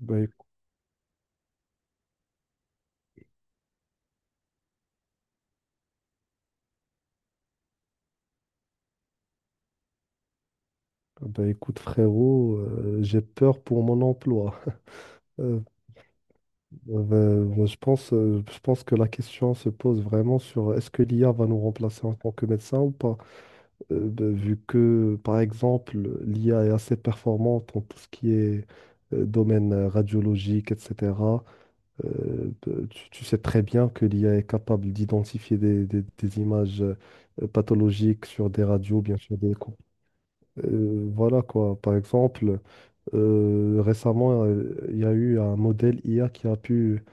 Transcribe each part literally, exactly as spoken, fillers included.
Bah, éc- bah, écoute frérot, euh, j'ai peur pour mon emploi. Euh, bah, moi, je pense, euh, je pense que la question se pose vraiment sur est-ce que l'I A va nous remplacer en tant que médecin ou pas? Euh, bah, vu que, par exemple, l'I A est assez performante en tout ce qui est euh, domaine euh, radiologique, et cetera. Euh, bah, tu, tu sais très bien que l'I A est capable d'identifier des, des- des images euh, pathologiques sur des radios, bien sûr des échos. Euh, voilà quoi, par exemple. Euh, récemment, euh, il y a eu un modèle I A qui a pu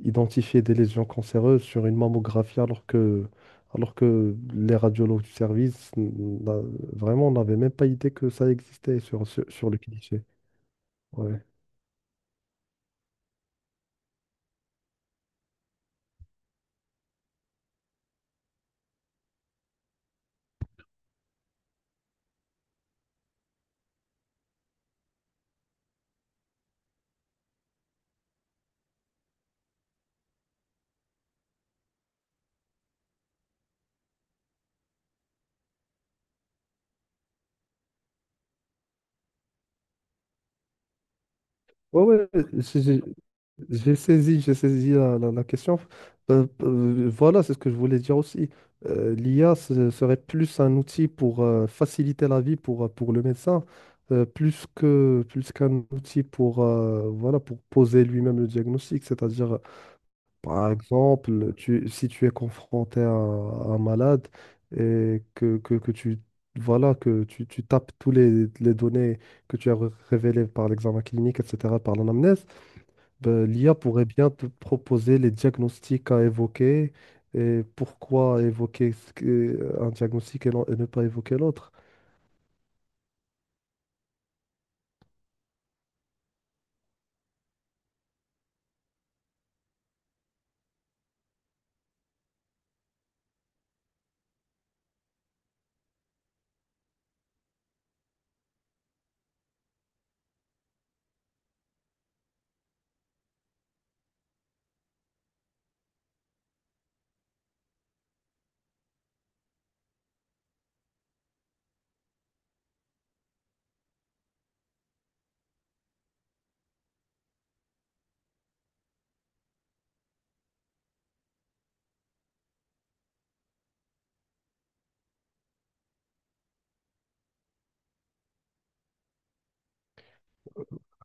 identifier des lésions cancéreuses sur une mammographie alors que, alors que les radiologues du service n'a- vraiment n'avaient même pas idée que ça existait sur, sur, sur le cliché. Ouais. Ouais, ouais, j'ai j'ai- j'ai saisi, j'ai saisi la, la- la question. Euh, euh, voilà, c'est ce que je voulais dire aussi. Euh, l'I A se- serait plus un outil pour euh, faciliter la vie pour, euh, pour le médecin, euh, plus que, plus qu'un outil pour, euh, voilà, pour poser lui-même le diagnostic, c'est-à-dire par exemple, tu- si tu es confronté à un malade et que, que, que tu voilà que tu, tu tapes tous les, les données que tu as ré- révélées par l'examen clinique, et cetera, par l'anamnèse, ben, l'I A pourrait bien te proposer les diagnostics à évoquer et pourquoi évoquer ce que- un diagnostic et, non- et ne pas évoquer l'autre.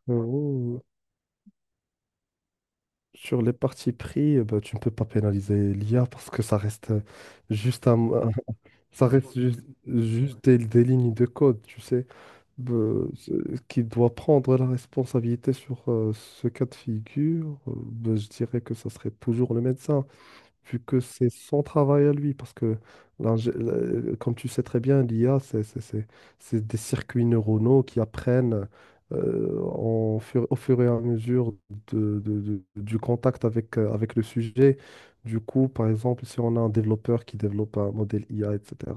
Euh, Sur les parties pris, ben, tu ne peux pas pénaliser l'I A parce que ça reste euh, juste un. Ça reste juste, juste des, des lignes de code, tu sais, euh, ce- qui doit prendre la responsabilité sur euh, ce cas de figure. euh, ben, je dirais que ça serait toujours le médecin, vu que c'est son travail à lui, parce que, l'ingé- le- comme tu sais très bien, l'I A, c'est c'est- c'est- c'est des circuits neuronaux qui apprennent euh, en fur- au fur et à mesure de- de- de- du contact avec, euh, avec le sujet. Du coup, par exemple, si on a un développeur qui développe un modèle I A, etc.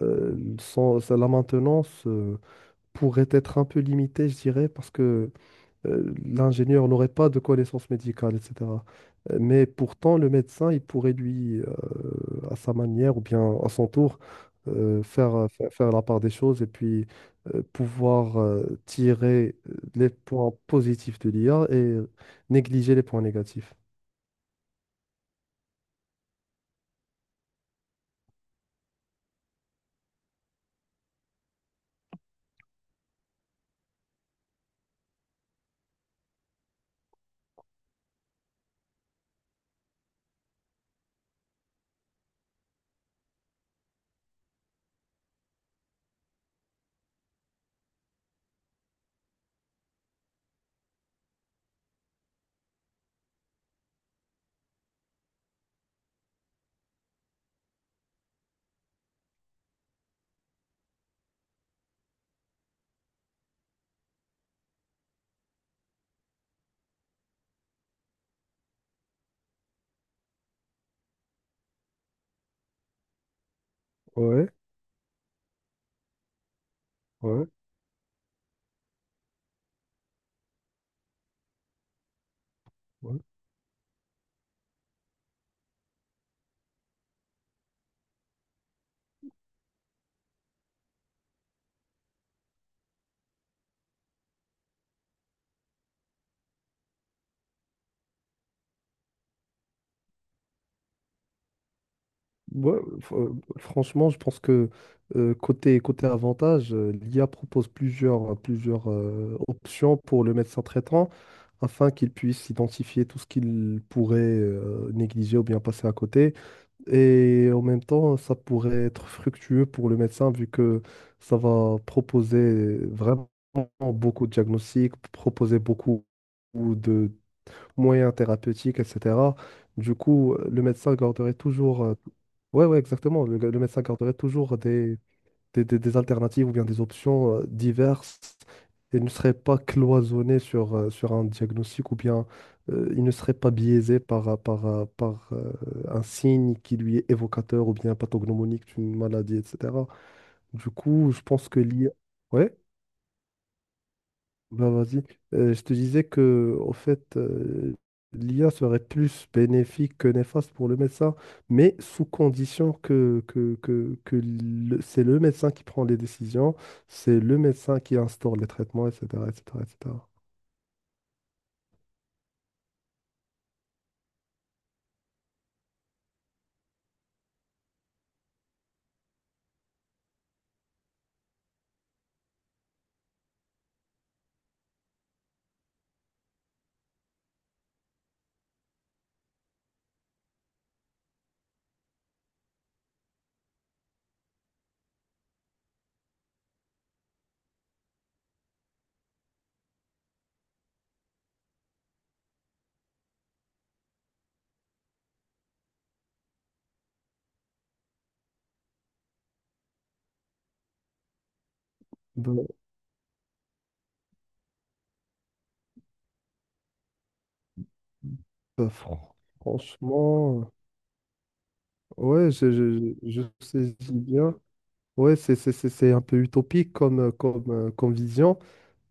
euh, son- sa- la maintenance euh, pourrait être un peu limitée, je dirais, parce que euh, l'ingénieur n'aurait pas de connaissances médicales, et cetera. Euh, mais pourtant, le médecin, il pourrait lui, euh, à sa manière ou bien à son tour, euh, faire, euh, fa- faire la part des choses et puis euh, pouvoir euh, tirer euh, les points positifs de l'I A et euh, négliger les points négatifs. Ouais, ouais, ouais. Ouais, fr- franchement, je pense que euh, côté, côté avantage, euh, l'I A propose plusieurs, euh, plusieurs euh, options pour le médecin traitant afin qu'il puisse identifier tout ce qu'il pourrait euh, négliger ou bien passer à côté. Et en même temps, ça pourrait être fructueux pour le médecin vu que ça va proposer vraiment beaucoup de diagnostics, proposer beaucoup de moyens thérapeutiques, et cetera. Du coup, le médecin garderait toujours... euh, ouais, ouais, exactement. Le, le médecin garderait toujours des, des, des- des alternatives ou bien des options euh, diverses et ne serait pas cloisonné sur, euh, sur un diagnostic ou bien euh, il ne serait pas biaisé par, euh, par, euh, par euh, un signe qui lui est évocateur ou bien pathognomonique d'une maladie, et cetera. Du coup, je pense que l'I A... Ouais? Ben vas-y. Euh, je te disais que, au fait, euh, l'I A serait plus bénéfique que néfaste pour le médecin, mais sous condition que, que, que, que le- c'est le médecin qui prend les décisions, c'est le médecin qui instaure les traitements, et cetera, et cetera, et cetera. Ben, Bah, fran- franchement, euh, ouais, je, je, je- je saisis bien. Ouais, c'est c'est- c'est- c'est un peu utopique comme, euh, comme, euh, comme vision.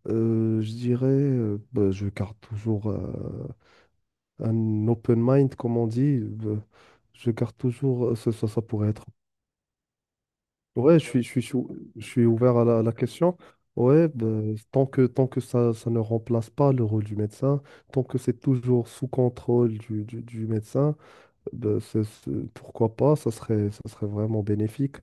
Euh, je dirais, euh, bah, je garde toujours euh, un open mind, comme on dit. Euh, je garde toujours, euh, ça, ça, ça pourrait être. Ouais, je suis, je suis, je suis je suis ouvert à la, à la question. Ouais, bah, tant que, tant que ça, ça ne remplace pas le rôle du médecin, tant que c'est toujours sous contrôle du, du du médecin. Ben, c'est- c'est- pourquoi pas, ça serait, ça serait vraiment bénéfique.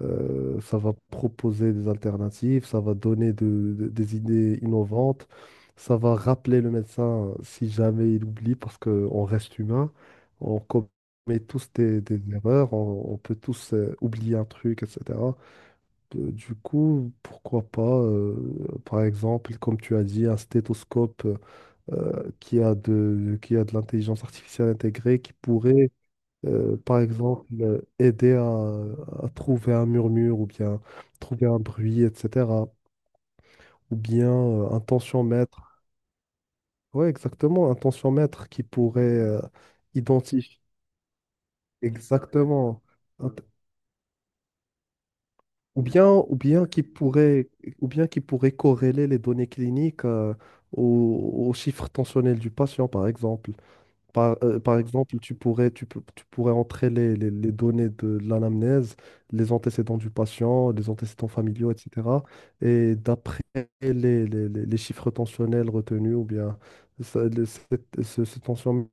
Euh, ça va proposer des alternatives, ça va donner de- de- des idées innovantes, ça va rappeler le médecin si jamais il oublie, parce qu'on reste humain, on commet tous des, des erreurs, on, on peut tous euh, oublier un truc, et cetera. Euh, du coup, pourquoi pas, euh, par exemple, comme tu as dit, un stéthoscope euh, qui a de, qui a de l'intelligence artificielle intégrée qui pourrait euh, par exemple, euh, aider à, à trouver un murmure ou bien trouver un bruit, et cetera. Ou bien euh, un tensiomètre. Oui, exactement, un tensiomètre qui pourrait euh, identifier exactement. Un t- Ou bien, ou bien qui pourrait, ou bien qui pourrait corréler les données cliniques euh, au, au chiffre tensionnel du patient, par exemple. Par, euh, par exemple, tu pourrais, tu, peux- tu pourrais entrer les, les- les données de l'anamnèse, les antécédents du patient, les antécédents familiaux, et cetera. Et d'après les, les- les- les chiffres tensionnels retenus, ou bien ça- le- cette- ce, ce tensiomètre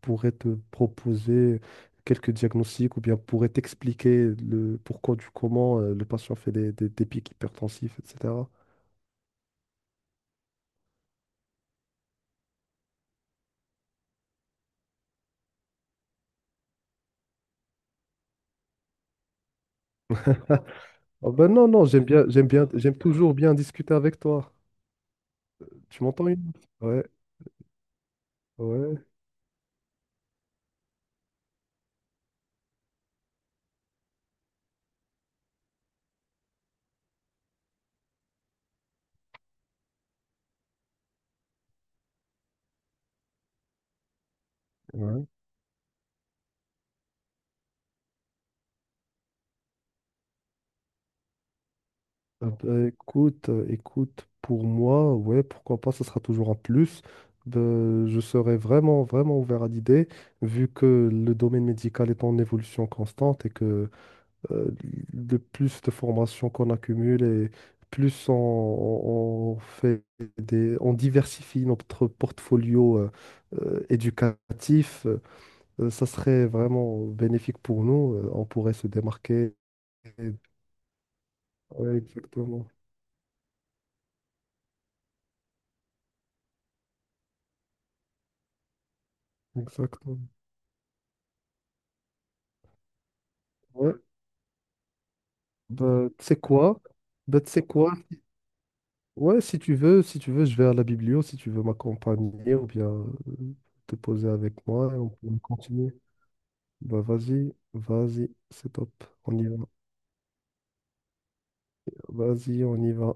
pourrait te proposer quelques diagnostics, ou bien pourrait t'expliquer le pourquoi du comment euh, le patient fait des, des des pics hypertensifs, et cetera Ah ben non, non, j'aime bien, j'aime bien, j'aime toujours bien discuter avec toi. Tu m'entends, Younes? Ouais. Ouais. Ouais. Ah bah, écoute, euh, écoute, pour moi, ouais, pourquoi pas, ça sera toujours un plus. Ben, je serais vraiment, vraiment ouvert à l'idée, vu que le domaine médical est en évolution constante et que euh, le plus de formations qu'on accumule et plus on, on- on fait des, on diversifie notre portfolio euh, euh, éducatif, euh, euh, ça serait vraiment bénéfique pour nous. euh, on pourrait se démarquer. Ouais, exactement. Exactement. Ouais. Bah, tu sais quoi? Bah, tu sais quoi? Ouais, si tu veux, si tu veux, je vais à la biblio, si tu veux m'accompagner ou bien euh, te poser avec moi et on peut continuer. Bah, vas-y, vas-y, c'est top. On y va. Vas-y, on y va.